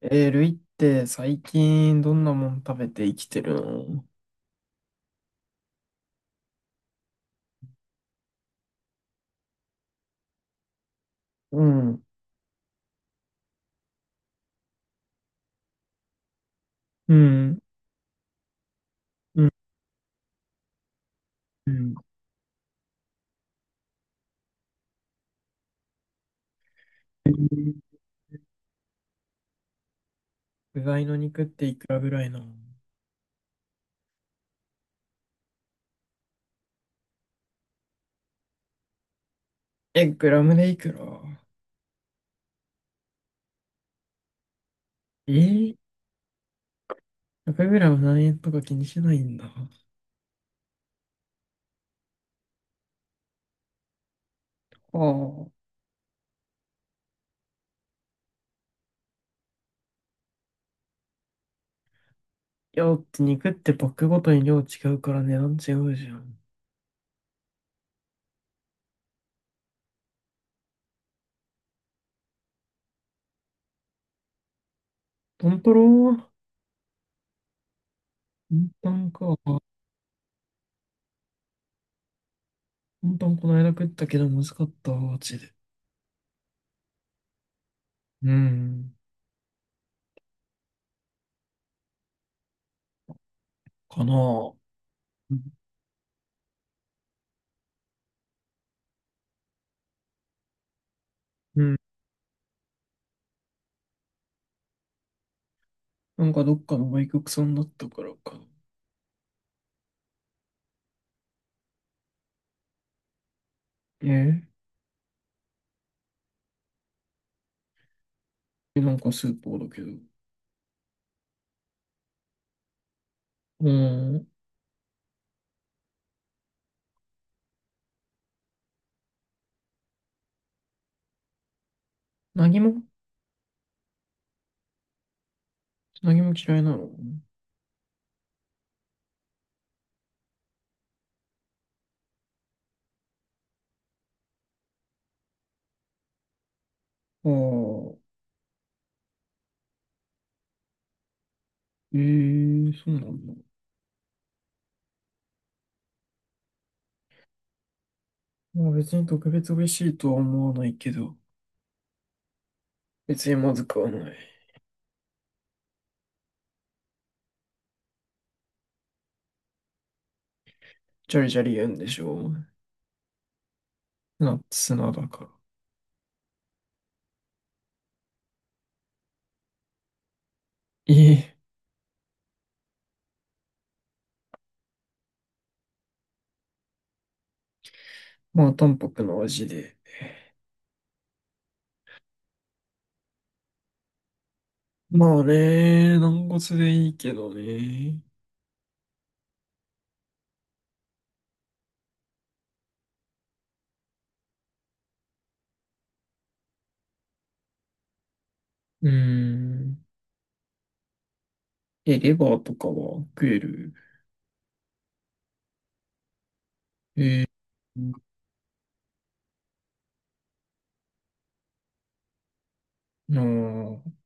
ルイって最近どんなもん食べて生きてるの？うん。うん、うん、うん。具材の肉っていくらぐらいなの？え、グラムでいくら？えー、100グラム何円とか気にしないんだ。ああ。いや、だって肉ってパックごとに量違うから値段違うじゃん。トントロ。トントンか。トントンこの間食ったけどまずかったわ、マジで。うん。かなあ。うん。うん、なんかどっかの外国産だったからか。えー、え、なんかスーパーだけど。うん。何も、何も嫌いなの？ああ、ええ、そうなんだ。まあ別に特別美味しいとは思わないけど、別にまずくはない。ジャリジャリ言うんでしょ？ナッツなだから。ええ、まあ淡白な味で。まあね、軟骨でいいけどね。うーん。え、レバーとかは食える？ええ、なあ。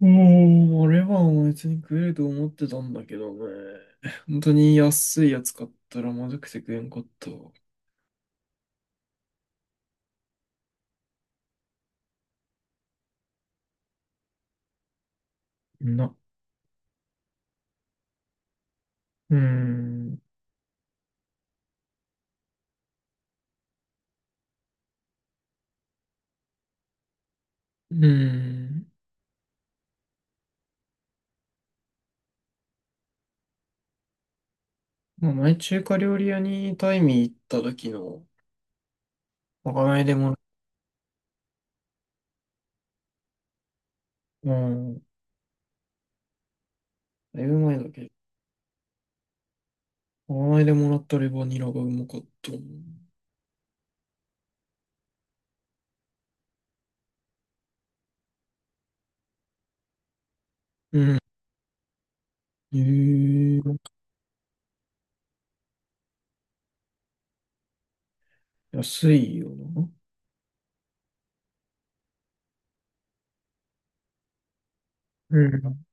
もう、あれは別に食えると思ってたんだけどね。本当に安いやつ買ったらまずくて食えんかった。な、うーん、うーん。まあ、前中華料理屋にタイミー行った時の、まかないでもら、うん、だいぶ前だけど、まかないでもらったレバニラがうまかったな。うん。へえ、安いよな。うん。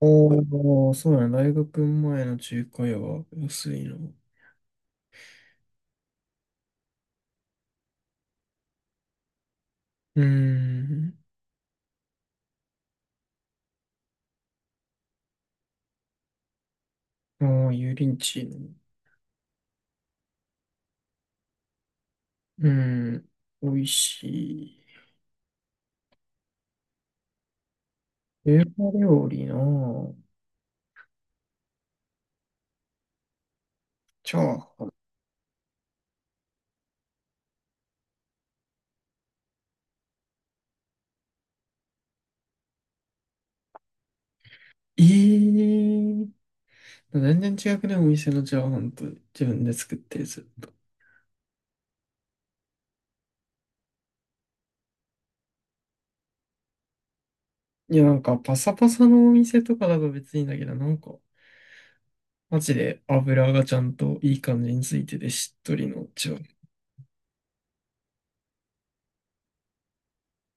おー、そうだね。大学前の中華屋は安いな。うーん。もう油淋鶏の。うん。美味しい。中華料理のチャーハン。ええ、全然違くね、お店のチャーハンと自分で作ってるずっと。いや、なんかパサパサのお店とかだと別にいいんだけど、なんか、マジで油がちゃんといい感じについててしっとりのチャーハ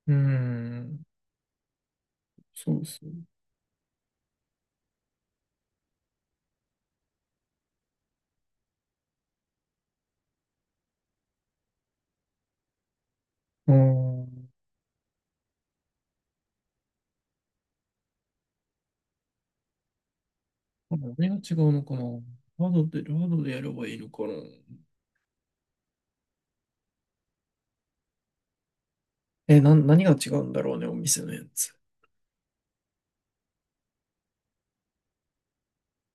ン。うーん。そうそう。うーん。あ、何が違うのかな。ラードでやればいいのかな？え、何が違うんだろうね、お店のやつ。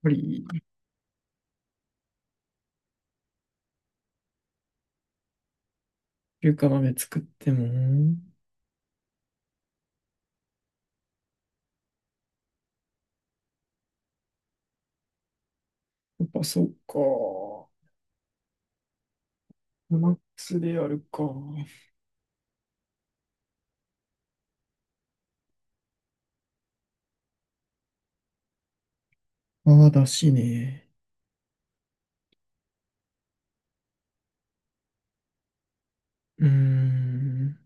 ぱり、中華鍋作っても、やっぱそうか。マックスでやるか。ああ、だしね。うーん。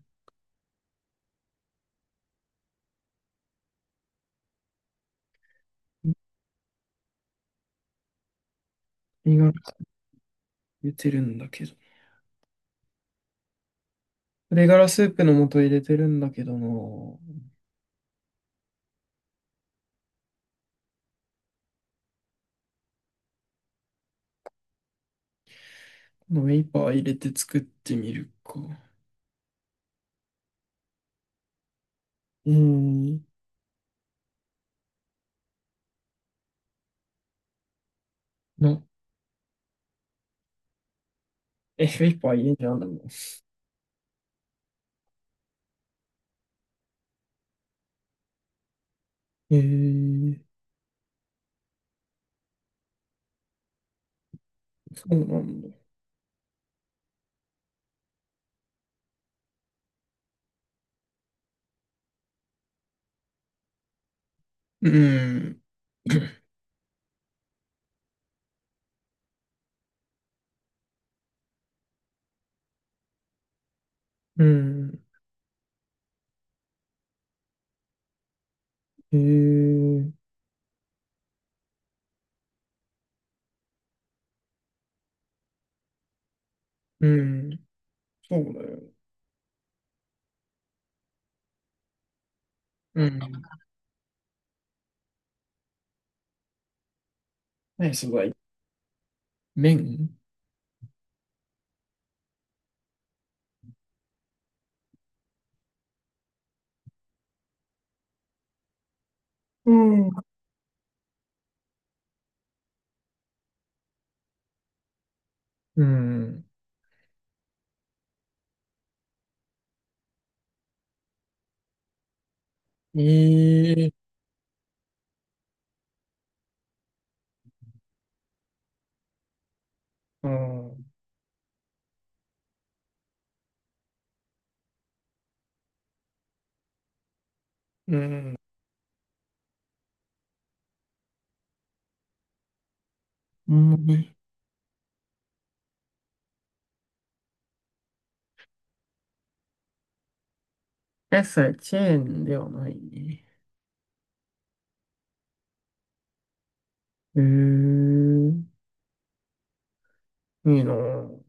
鶏ガラスープ入れてるんだけど。鶏ガラスープの素入れてるんだけどな。このウェイパー入れて作ってみるか。うーん。な、え、ウェイパー入れてあんだもん。えー、そうなんだ。うーん。うん。えー、うん。そうだよ。うん。何素材？麺。うん。うん。ええ、うん。うん。うんね。え、それ、チェーンではないね。ええ、いいなぁ。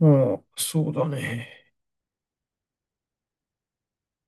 うん、そうだね。